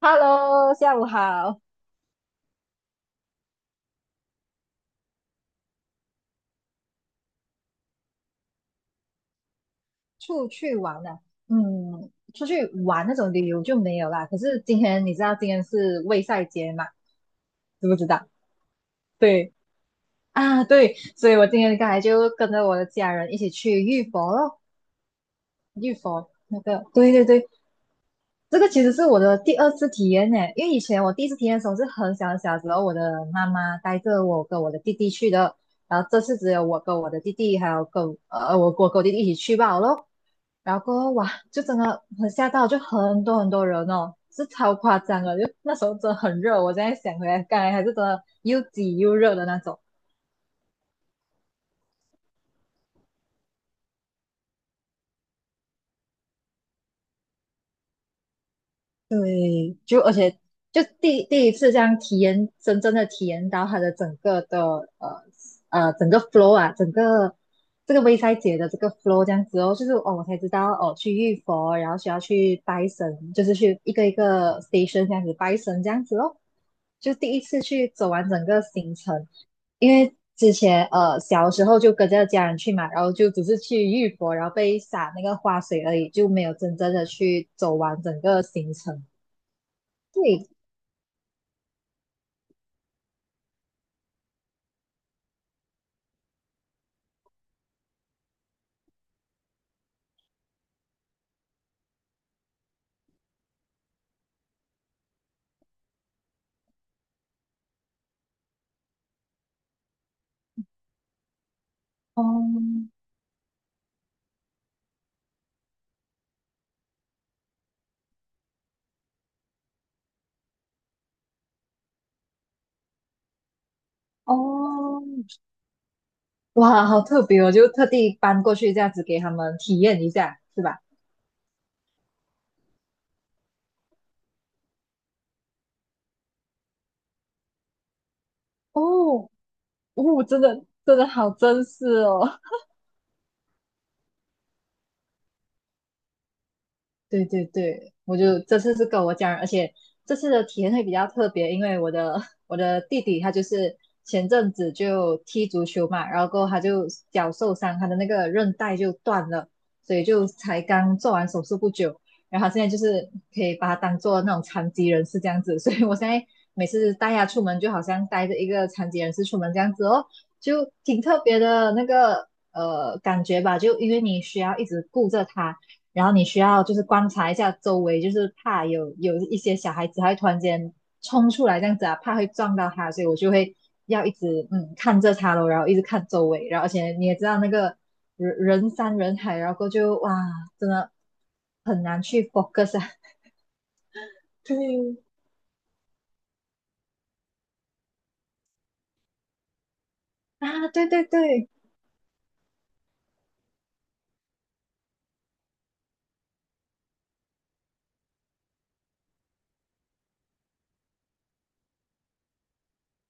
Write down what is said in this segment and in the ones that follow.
Hello，下午好。出去玩了，嗯，出去玩那种旅游就没有啦。可是今天你知道今天是卫赛节嘛？知不知道？对啊，对，所以我今天刚才就跟着我的家人一起去浴佛咯，浴佛那个，对对对，这个其实是我的第二次体验呢。因为以前我第一次体验的时候是很小很小的时候，我的妈妈带着我跟我的弟弟去的，然后这次只有我跟我的弟弟还有跟我跟我弟弟一起去罢了咯。然后过后哇，就真的很吓到，就很多很多人哦，是超夸张的。就那时候真的很热，我现在想回来，刚才还是真的又挤又热的那种。对，就而且就第一次这样体验，真正的体验到它的整个的呃整个 flow 啊，整个这个微赛节的这个 flow 这样子哦，就是哦我才知道哦去浴佛，然后需要去拜神，就是去一个一个 station 这样子拜神这样子哦。就第一次去走完整个行程，因为之前小时候就跟着家人去嘛，然后就只是去玉佛，然后被洒那个花水而已，就没有真正的去走完整个行程。对，哦哦，哇，好特别哦！就特地搬过去这样子给他们体验一下，是吧？哦哦，真的真的好真实哦。对对对，我就这次是跟我家人，而且这次的体验会比较特别，因为我的 我的弟弟他就是前阵子就踢足球嘛，然后过后他就脚受伤，他的那个韧带就断了，所以就才刚做完手术不久，然后他现在就是可以把他当做那种残疾人士这样子，所以我现在每次带他出门就好像带着一个残疾人士出门这样子哦，就挺特别的那个感觉吧，就因为你需要一直顾着他。然后你需要就是观察一下周围，就是怕有一些小孩子他会突然间冲出来这样子啊，怕会撞到他，所以我就会要一直嗯看着他咯，然后一直看周围，然后而且你也知道那个人人山人海，然后后就哇，真的很难去 focus 啊。对，啊，对对对，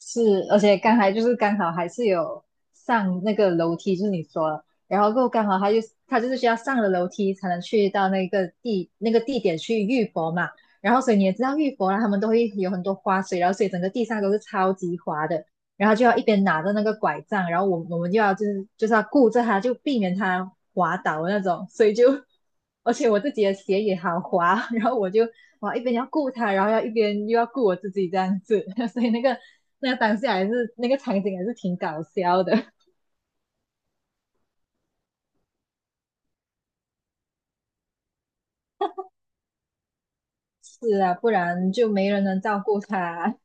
是，而且刚才就是刚好还是有上那个楼梯，就是你说的，然后过后刚好他就他就是需要上了楼梯才能去到那个那个地点去浴佛嘛，然后所以你也知道浴佛啦，他们都会有很多花水，然后所以整个地上都是超级滑的，然后就要一边拿着那个拐杖，然后我们就要就是要顾着他，就避免他滑倒那种，所以就 而且我自己的鞋也好滑，然后我就哇一边要顾他，然后要一边又要顾我自己这样子，所以那个那当下还是那个场景还是挺搞笑的。是啊，不然就没人能照顾他。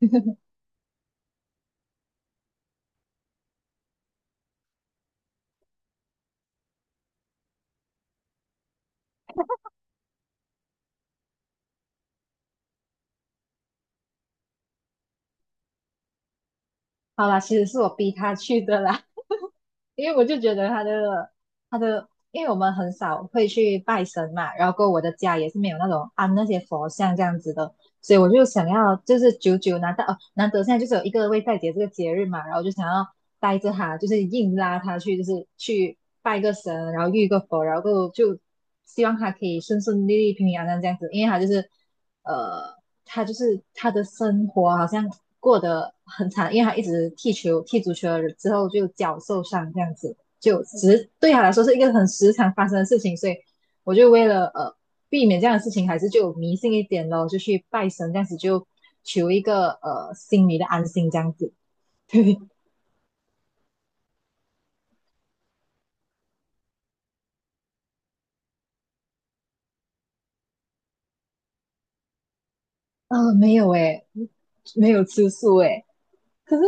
好啦，其实是我逼他去的啦，因为我就觉得他的，因为我们很少会去拜神嘛，然后过后我的家也是没有那种安那些佛像这样子的，所以我就想要，就是久久拿到哦，难得现在就是有一个为代节这个节日嘛，然后就想要带着他，就是硬拉他去，就是去拜个神，然后遇个佛，然后就希望他可以顺顺利利、平平安安这样子，因为他就是呃，他就是他的生活好像过得很惨，因为他一直踢球、踢足球了之后就脚受伤这样子，就只是对他来说是一个很时常发生的事情，所以我就为了避免这样的事情，还是就迷信一点咯，就去拜神，这样子就求一个心里的安心，这样子。没有诶，没有吃素诶。可是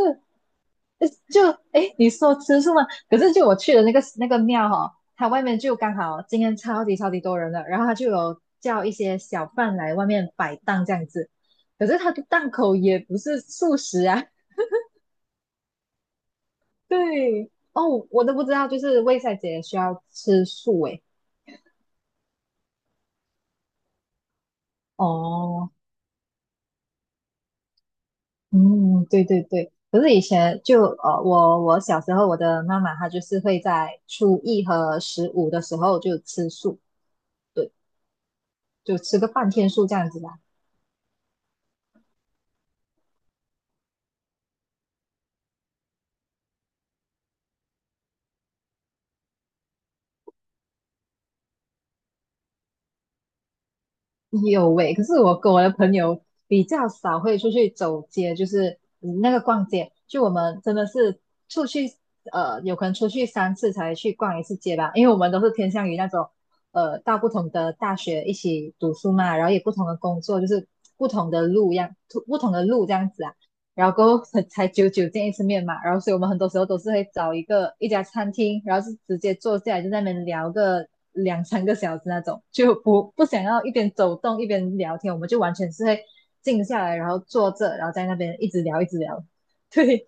就诶，你说吃素吗？可是就我去的那个那个庙哈、哦，它外面就刚好今天超级超级多人了，然后它就有叫一些小贩来外面摆档这样子。可是它的档口也不是素食啊，对哦，我都不知道，就是卫赛姐需要吃素诶。哦，嗯，对对对。可是以前就我小时候，我的妈妈她就是会在初一和十五的时候就吃素，对，就吃个半天素这样子吧。有喂，可是我跟我的朋友比较少会出去走街，就是嗯那个逛街，就我们真的是出去有可能出去三次才去逛一次街吧，因为我们都是偏向于那种到不同的大学一起读书嘛，然后也不同的工作，就是不同的路样，不同的路这样子啊。然后过后才久久见一次面嘛，然后所以我们很多时候都是会找一个一家餐厅，然后是直接坐下来就在那边聊个两三个小时那种，就不想要一边走动一边聊天，我们就完全是会静下来，然后坐着，然后在那边一直聊一直聊。对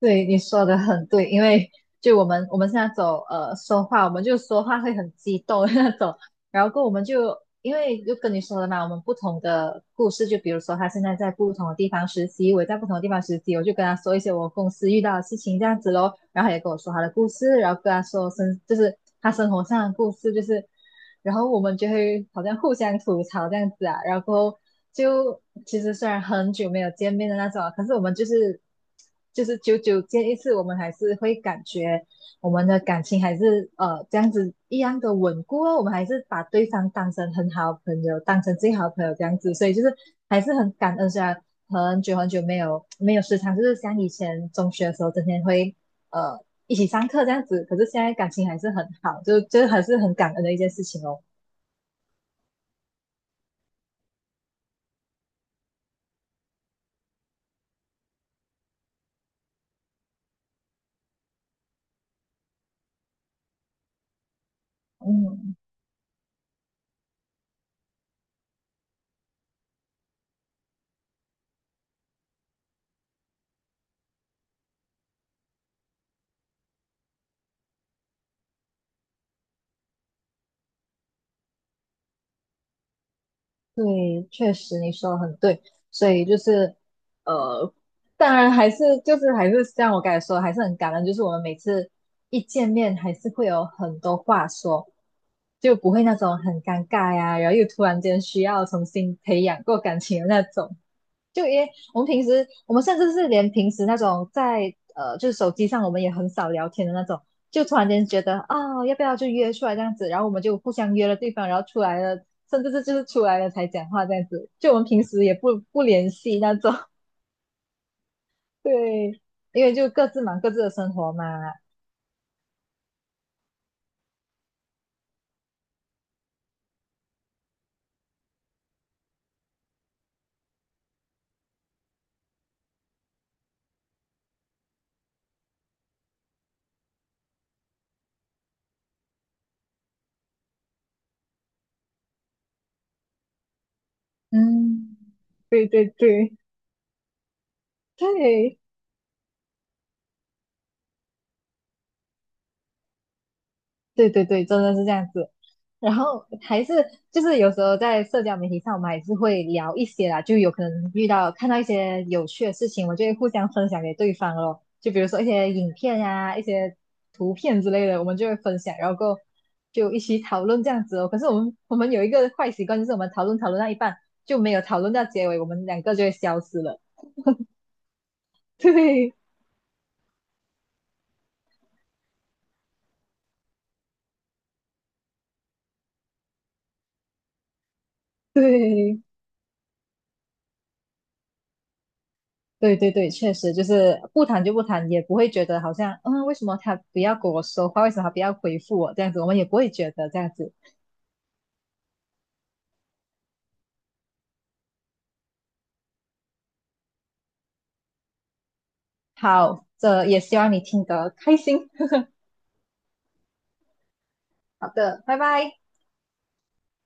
对，你说的很对，因为就我们现在走说话，我们就说话会很激动的那种，然后跟我们就因为就跟你说了嘛，我们不同的故事，就比如说他现在在不同的地方实习，我也在不同的地方实习，我就跟他说一些我公司遇到的事情这样子咯，然后他也跟我说他的故事，然后跟他说生就是他生活上的故事，就是然后我们就会好像互相吐槽这样子啊，然后过后就其实虽然很久没有见面的那种啊可是我们就是就是久久见一次，我们还是会感觉。我们的感情还是这样子一样的稳固哦，我们还是把对方当成很好的朋友，当成最好的朋友这样子，所以就是还是很感恩，虽然很久很久没有时常就是像以前中学的时候，整天会呃一起上课这样子，可是现在感情还是很好，就还是很感恩的一件事情哦，嗯。对，确实你说的很对，所以就是呃，当然还是就是还是像我刚才说的，还是很感恩，就是我们每次一见面还是会有很多话说，就不会那种很尴尬呀，然后又突然间需要重新培养过感情的那种。就因为我们平时，我们甚至是连平时那种在就是手机上我们也很少聊天的那种，就突然间觉得啊、要不要就约出来这样子，然后我们就互相约了对方，然后出来了，甚至是就是出来了才讲话这样子，就我们平时也不联系那种，对，因为就各自忙各自的生活嘛，嗯，对对对对，对对对，真的是这样子。然后还是就是有时候在社交媒体上，我们还是会聊一些啦，就有可能遇到看到一些有趣的事情，我就会互相分享给对方咯。就比如说一些影片呀、一些图片之类的，我们就会分享，然后过后就一起讨论这样子哦。可是我们有一个坏习惯，就是我们讨论讨论到一半就没有讨论到结尾，我们两个就会消失了。对对。对对对，确实就是不谈就不谈，也不会觉得好像，嗯，为什么他不要跟我说话，为什么他不要回复我这样子，我们也不会觉得这样子。好，这也希望你听得开心。好的，拜拜。